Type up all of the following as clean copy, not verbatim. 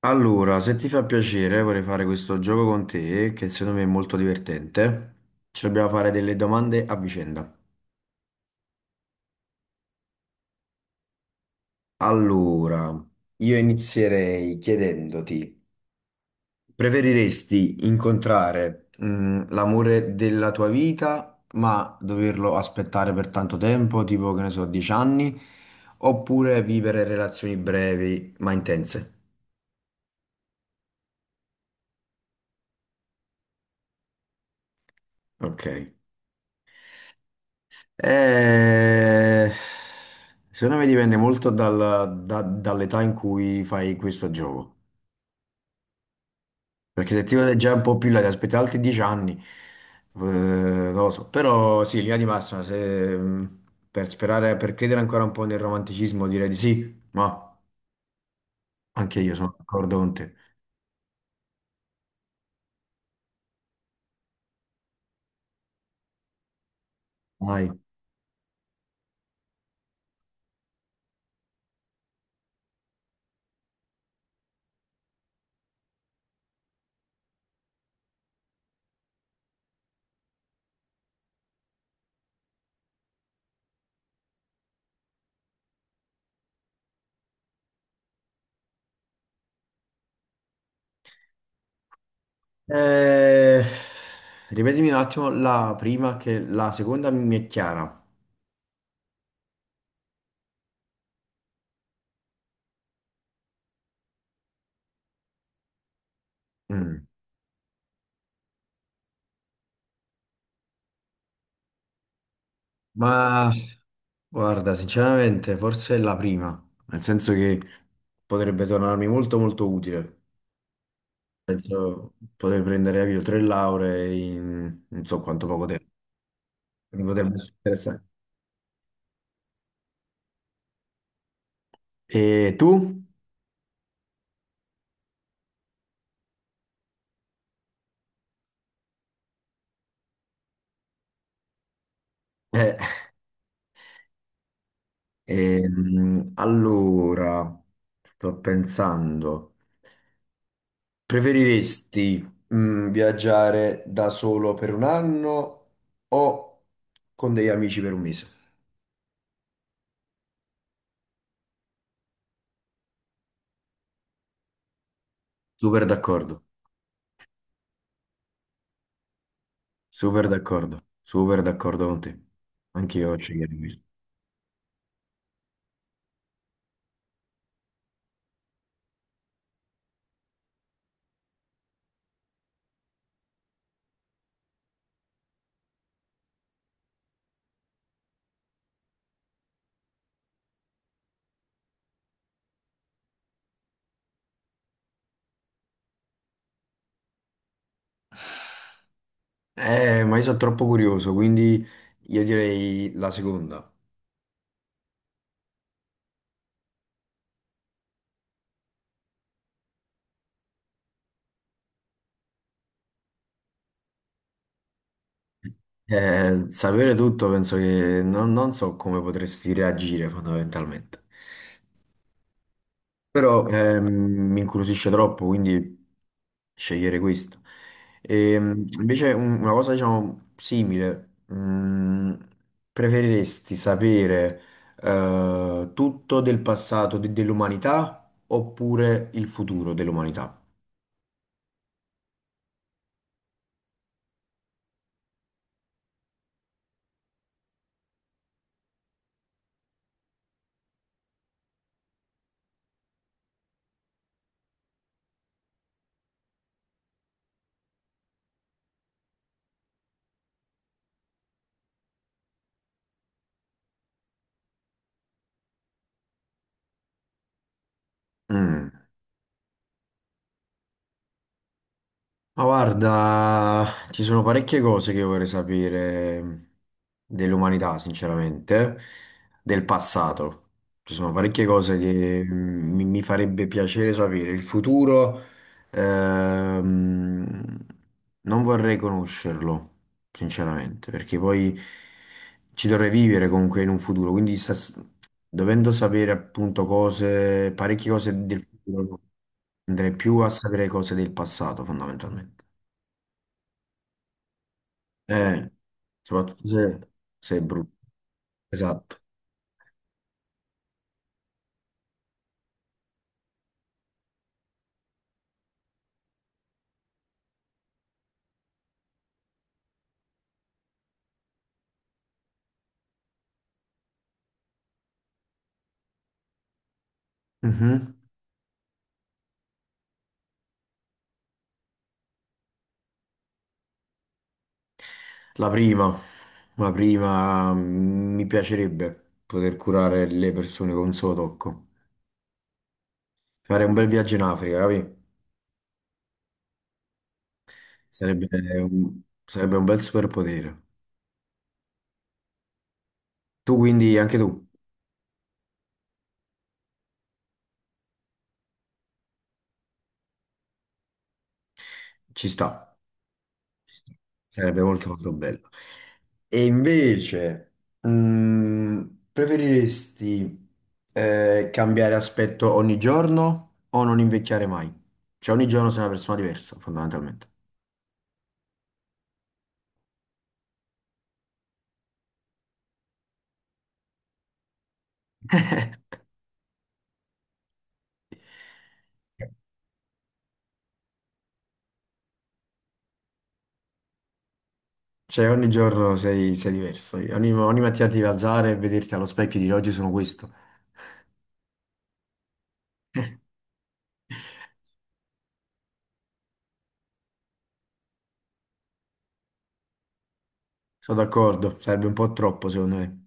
Allora, se ti fa piacere, vorrei fare questo gioco con te, che secondo me è molto divertente. Ci dobbiamo fare delle domande a vicenda. Allora, io inizierei chiedendoti, preferiresti incontrare, l'amore della tua vita, ma doverlo aspettare per tanto tempo, tipo, che ne so, 10 anni, oppure vivere relazioni brevi ma intense? Ok. Eh, secondo me dipende molto dall'età in cui fai questo gioco. Perché se ti vede già un po' più in là, ti aspetti altri 10 anni, non lo so. Però sì, in linea di massima, se, mh, per sperare, per credere ancora un po' nel romanticismo, direi di sì, ma anche io sono d'accordo con te. Dai. Eh, ripetimi un attimo la prima, che la seconda mi è chiara. Mm. Ma guarda, sinceramente, forse è la prima, nel senso che potrebbe tornarmi molto molto utile. Penso poter prendere avvio tre lauree in non so quanto poco tempo. Mi potrebbe essere interessante. E tu? Eh, allora, sto pensando, preferiresti viaggiare da solo per un anno o con degli amici per un mese? Super d'accordo. Super d'accordo, super d'accordo con te. Anche io sceglierei questo. Ma io sono troppo curioso, quindi io direi la seconda. Sapere tutto penso che non so come potresti reagire fondamentalmente. Però mi incuriosisce troppo, quindi scegliere questo. Invece una cosa, diciamo, simile, preferiresti sapere tutto del passato dell'umanità oppure il futuro dell'umanità? Mm. Ma guarda, ci sono parecchie cose che vorrei sapere dell'umanità, sinceramente, del passato. Ci sono parecchie cose che mi farebbe piacere sapere. Il futuro, ehm, non vorrei conoscerlo, sinceramente, perché poi ci dovrei vivere comunque in un futuro. Quindi, dovendo sapere appunto cose, parecchie cose del futuro, andrei più a sapere cose del passato fondamentalmente. Eh, soprattutto se è brutto. Esatto. Mhm. La prima, la prima mi piacerebbe poter curare le persone con un solo tocco. Fare un bel viaggio in Africa, capi? Sarebbe sarebbe un bel superpotere. Tu quindi, anche tu, ci sta. Sarebbe molto molto bello. E invece, mm, preferiresti cambiare aspetto ogni giorno o non invecchiare mai? Cioè ogni giorno sei una persona diversa, fondamentalmente. Cioè ogni giorno sei diverso. Ogni mattina ti devi alzare e vederti allo specchio e dire oggi sono questo. Sono d'accordo, sarebbe un po' troppo secondo me.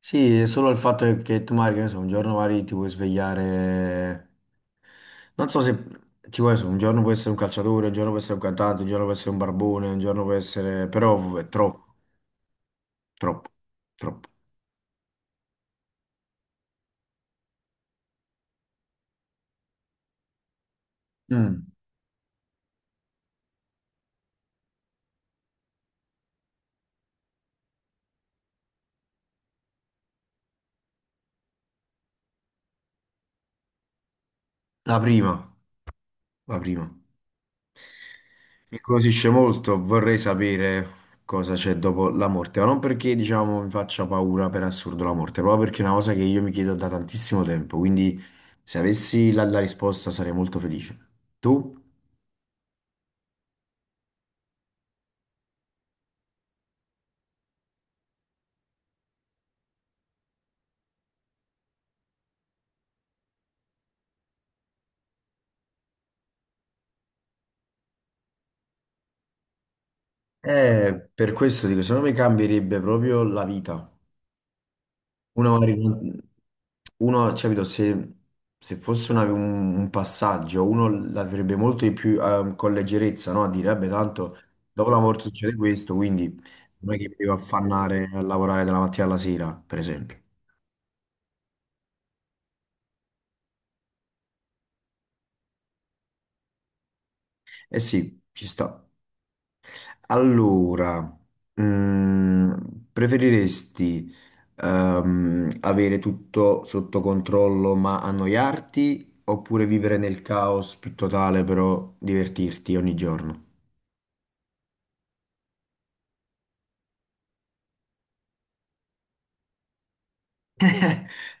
Sì, è solo il fatto è che tu magari, che ne so, un giorno magari ti puoi svegliare, non so se ti puoi, essere, un giorno puoi essere un calciatore, un giorno puoi essere un cantante, un giorno puoi essere un barbone, un giorno puoi essere, però è troppo, troppo, troppo. Mm. La prima, la prima. Mi incuriosisce molto, vorrei sapere cosa c'è dopo la morte, ma non perché, diciamo, mi faccia paura per assurdo la morte, proprio perché è una cosa che io mi chiedo da tantissimo tempo, quindi se avessi la, la risposta sarei molto felice. Tu? Per questo dico, secondo me cambierebbe proprio la vita. Uno, cioè, capito, se, se fosse un passaggio, uno l'avrebbe molto di più con leggerezza, no? A dire, vabbè, tanto dopo la morte succede questo, quindi non è che mi devo affannare a lavorare dalla mattina alla sera, per esempio. Eh sì, ci sta. Allora, mm, preferiresti avere tutto sotto controllo ma annoiarti oppure vivere nel caos più totale però divertirti ogni giorno?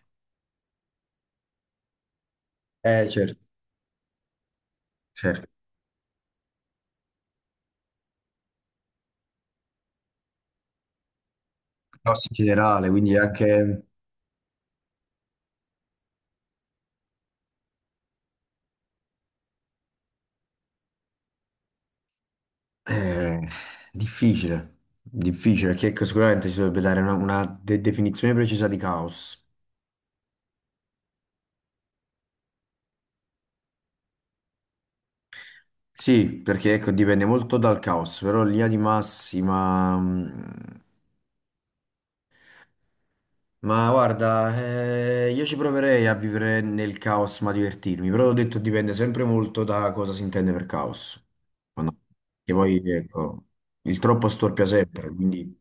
Certo, certo. Caos in generale, quindi è anche eh, difficile, difficile, perché ecco, sicuramente si dovrebbe dare una definizione precisa di caos. Sì, perché ecco, dipende molto dal caos, però in linea di massima ma guarda, io ci proverei a vivere nel caos ma divertirmi, però ho detto dipende sempre molto da cosa si intende per caos. Quando- Che poi, ecco, il troppo storpia sempre, quindi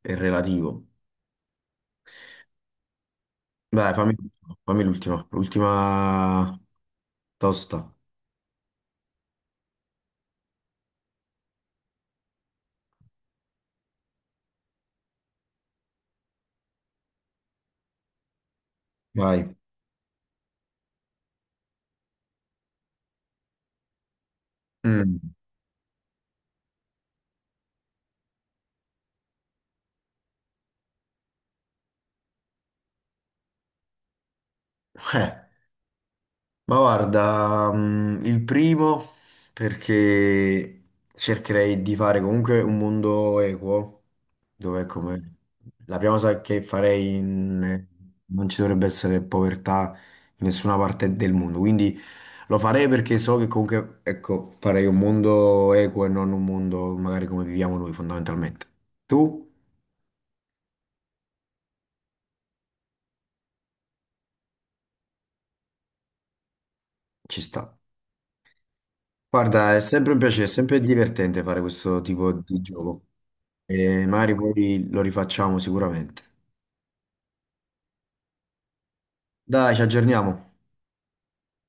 è relativo. Dai, fammi l'ultima, l'ultima tosta. Vai. Mm. Eh. Ma guarda, il primo perché cercherei di fare comunque un mondo equo, dove come la prima cosa che farei non ci dovrebbe essere povertà in nessuna parte del mondo, quindi lo farei perché so che comunque, ecco, farei un mondo equo e non un mondo magari come viviamo noi fondamentalmente. Tu? Ci sta. Guarda, è sempre un piacere, è sempre divertente fare questo tipo di gioco. E magari poi lo rifacciamo sicuramente. Dai, ci aggiorniamo.